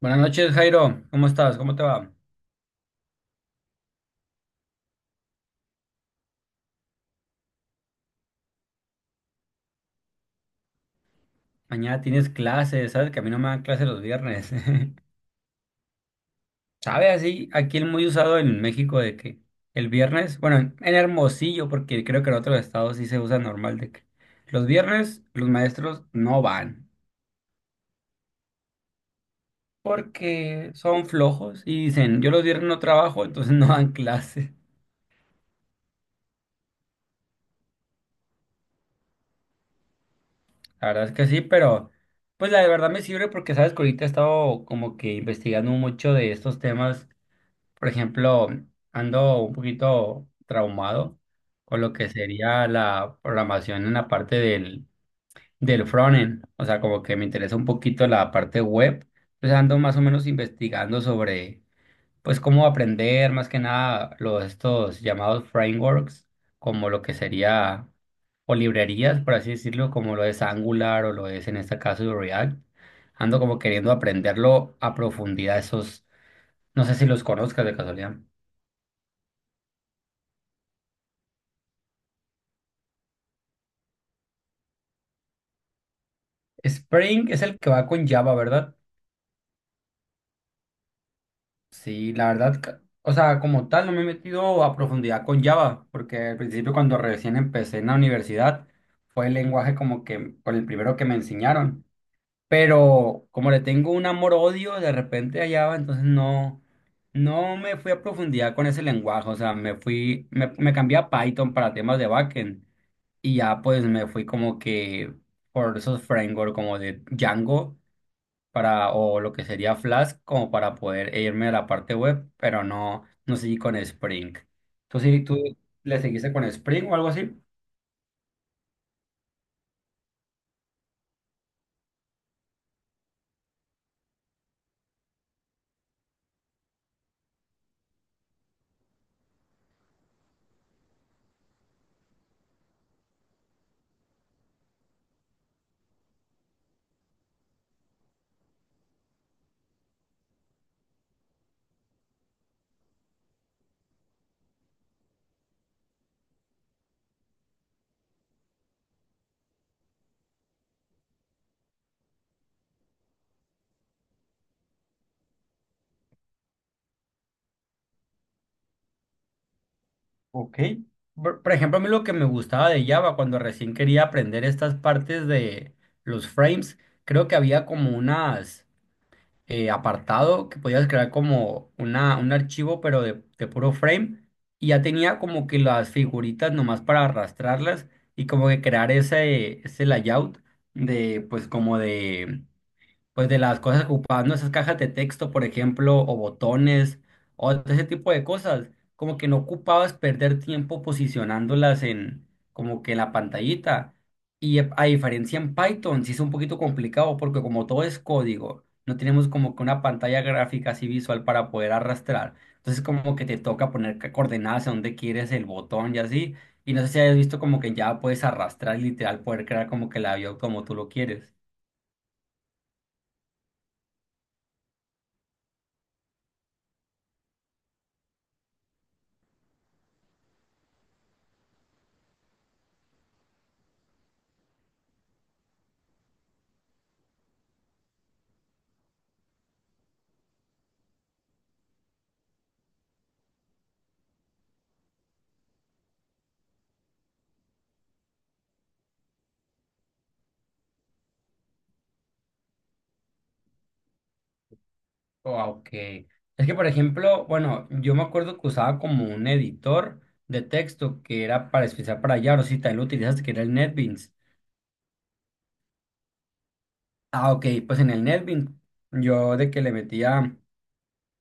Buenas noches, Jairo. ¿Cómo estás? ¿Cómo te va? Mañana tienes clases, ¿sabes? Que a mí no me dan clases los viernes. ¿Sabes? Así, aquí el muy usado en México de que el viernes, bueno, en Hermosillo, porque creo que en otros estados sí se usa normal de que los viernes los maestros no van porque son flojos y dicen, yo los viernes no trabajo, entonces no dan clases. La verdad es que sí, pero pues la de verdad me sirve porque, ¿sabes? Que ahorita he estado como que investigando mucho de estos temas. Por ejemplo, ando un poquito traumado con lo que sería la programación en la parte del, del frontend. O sea, como que me interesa un poquito la parte web. Entonces ando más o menos investigando sobre, pues, cómo aprender más que nada los, estos llamados frameworks, como lo que sería, o librerías, por así decirlo, como lo es Angular o lo es en este caso React. Ando como queriendo aprenderlo a profundidad, esos, no sé si los conozcas de casualidad. Spring es el que va con Java, ¿verdad? Sí, la verdad, o sea, como tal, no me he metido a profundidad con Java, porque al principio cuando recién empecé en la universidad, fue el lenguaje como que, por el primero que me enseñaron. Pero como le tengo un amor-odio de repente a Java, entonces no, no me fui a profundidad con ese lenguaje, o sea, me fui, me cambié a Python para temas de backend y ya pues me fui como que por esos frameworks como de Django, para, o lo que sería Flask, como para poder irme a la parte web, pero no, no seguí con Spring. ¿Tú le seguiste con Spring o algo así? Ok. Por ejemplo, a mí lo que me gustaba de Java cuando recién quería aprender estas partes de los frames, creo que había como unas apartado que podías crear como una, un archivo, pero de puro frame. Y ya tenía como que las figuritas nomás para arrastrarlas y como que crear ese, ese layout de, pues como de, pues de las cosas que ocupaban, ¿no? Esas cajas de texto, por ejemplo, o botones, o todo ese tipo de cosas, como que no ocupabas perder tiempo posicionándolas en, como que en la pantallita. Y a diferencia en Python, sí es un poquito complicado porque como todo es código, no tenemos como que una pantalla gráfica así visual para poder arrastrar. Entonces como que te toca poner coordenadas a donde quieres el botón y así. Y no sé si hayas visto como que ya puedes arrastrar literal, poder crear como que la vio como tú lo quieres. Oh, ok. Es que, por ejemplo, bueno, yo me acuerdo que usaba como un editor de texto que era para especial para Yaro, si también lo utilizaste, que era el NetBeans. Ah, ok, pues en el NetBeans yo de que le metía,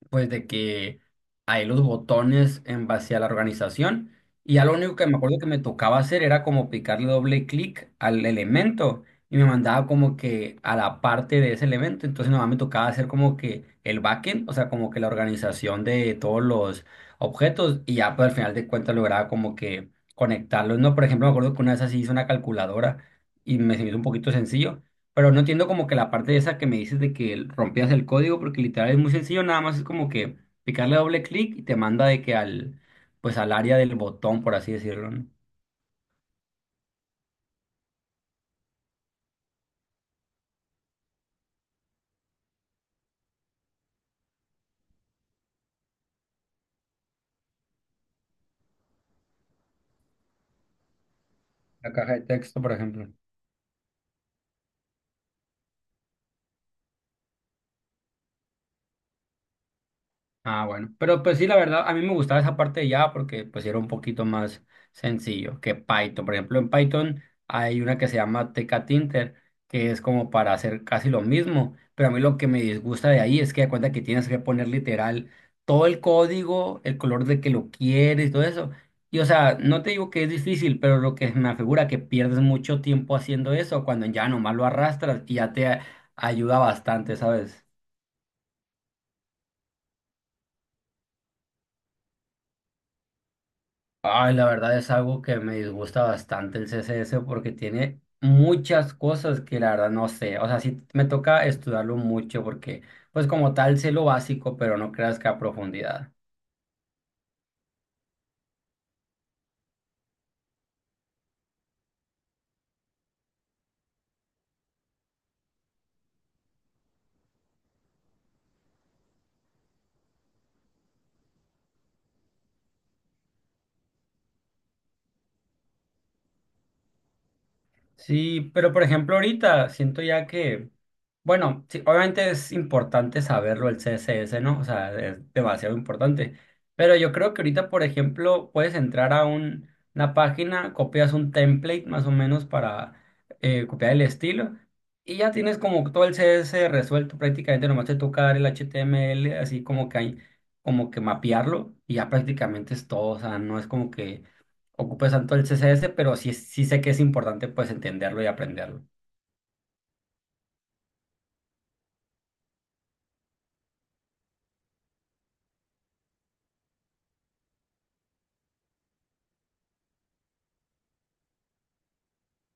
pues de que hay los botones en base a la organización y ya lo único que me acuerdo que me tocaba hacer era como picarle doble clic al elemento y me mandaba como que a la parte de ese elemento, entonces nada más me tocaba hacer como que el backend, o sea, como que la organización de todos los objetos y ya pues al final de cuentas lograba como que conectarlos, ¿no? Por ejemplo, me acuerdo que una vez así hice una calculadora y me se me hizo un poquito sencillo, pero no entiendo como que la parte esa que me dices de que rompías el código, porque literal es muy sencillo, nada más es como que picarle doble clic y te manda de que al, pues al área del botón, por así decirlo, ¿no? La caja de texto, por ejemplo. Ah, bueno. Pero pues sí, la verdad, a mí me gustaba esa parte de Java porque pues era un poquito más sencillo que Python. Por ejemplo, en Python hay una que se llama Tekatinter, que es como para hacer casi lo mismo. Pero a mí lo que me disgusta de ahí es que da cuenta que tienes que poner literal todo el código, el color de que lo quieres y todo eso. Y o sea, no te digo que es difícil, pero lo que me afigura que pierdes mucho tiempo haciendo eso cuando ya nomás lo arrastras y ya te ayuda bastante, ¿sabes? Ay, la verdad es algo que me disgusta bastante el CSS porque tiene muchas cosas que la verdad no sé. O sea, sí me toca estudiarlo mucho porque, pues como tal, sé lo básico, pero no creas que a profundidad. Sí, pero por ejemplo ahorita siento ya que, bueno, sí, obviamente es importante saberlo el CSS, ¿no? O sea, es demasiado importante. Pero yo creo que ahorita, por ejemplo, puedes entrar a una página, copias un template más o menos para copiar el estilo y ya tienes como todo el CSS resuelto prácticamente, nomás te toca dar el HTML, así como que hay, como que mapearlo y ya prácticamente es todo, o sea, no es como que ocupe tanto el CSS, pero sí, sí sé que es importante pues entenderlo y aprenderlo.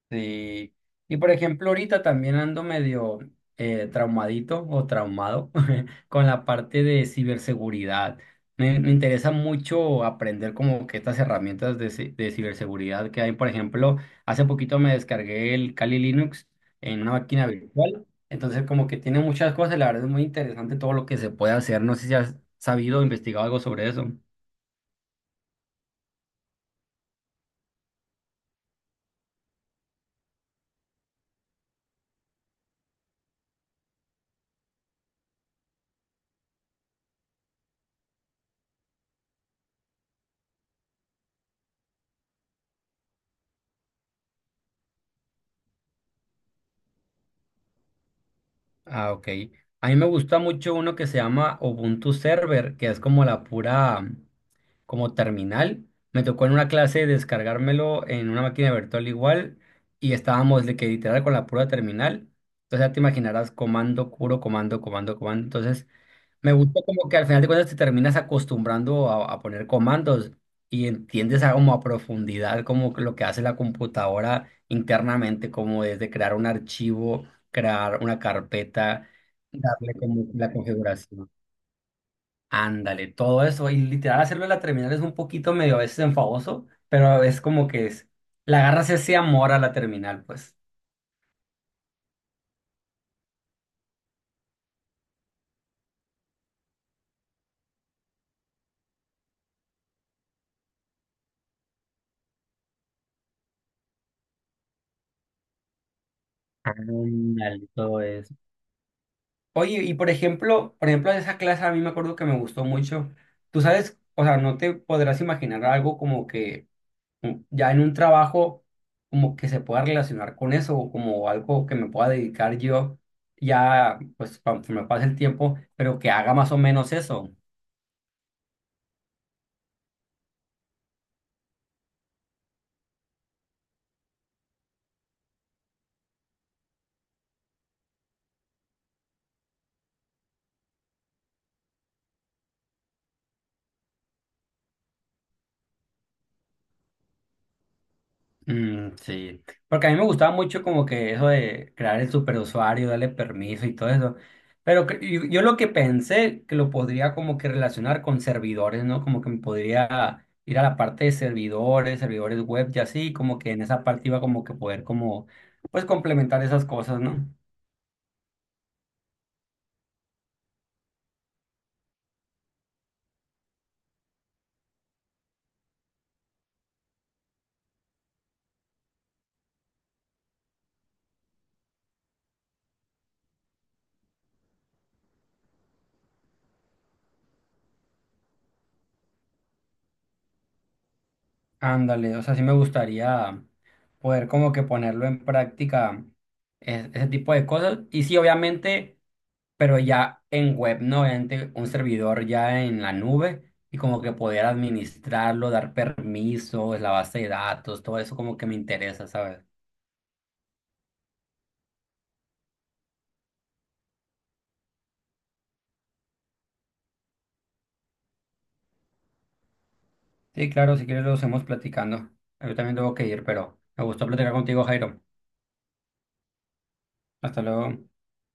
Y, y por ejemplo, ahorita también ando medio traumadito o traumado con la parte de ciberseguridad. Me interesa mucho aprender como que estas herramientas de, de ciberseguridad que hay. Por ejemplo, hace poquito me descargué el Kali Linux en una máquina virtual. Entonces como que tiene muchas cosas, la verdad es muy interesante todo lo que se puede hacer. No sé si has sabido o investigado algo sobre eso. Ah, ok. A mí me gusta mucho uno que se llama Ubuntu Server, que es como la pura, como terminal. Me tocó en una clase descargármelo en una máquina virtual igual y estábamos de que literal con la pura terminal. Entonces ya te imaginarás comando, puro comando, comando, comando. Entonces me gusta como que al final de cuentas te terminas acostumbrando a poner comandos y entiendes a, como a profundidad como que lo que hace la computadora internamente, como desde crear un archivo, crear una carpeta, darle como la configuración. Ándale, todo eso. Y literal hacerlo en la terminal es un poquito medio a veces enfadoso, pero es como que es, le agarras ese amor a la terminal, pues. Ándale, todo eso. Oye, y por ejemplo, esa clase a mí me acuerdo que me gustó mucho. Tú sabes, o sea, no te podrás imaginar algo como que ya en un trabajo como que se pueda relacionar con eso o como algo que me pueda dedicar yo ya, pues, cuando se me pase el tiempo, pero que haga más o menos eso. Mm, sí, porque a mí me gustaba mucho como que eso de crear el superusuario, darle permiso y todo eso. Pero yo lo que pensé que lo podría como que relacionar con servidores, ¿no? Como que me podría ir a la parte de servidores, servidores web y así, como que en esa parte iba como que poder como, pues complementar esas cosas, ¿no? Ándale, o sea, sí me gustaría poder como que ponerlo en práctica ese tipo de cosas. Y sí, obviamente, pero ya en web, ¿no? Obviamente un servidor ya en la nube y como que poder administrarlo, dar permisos, la base de datos, todo eso como que me interesa, ¿sabes? Sí, claro, si quieres lo hacemos platicando. Yo también tengo que ir, pero me gustó platicar contigo, Jairo. Hasta luego.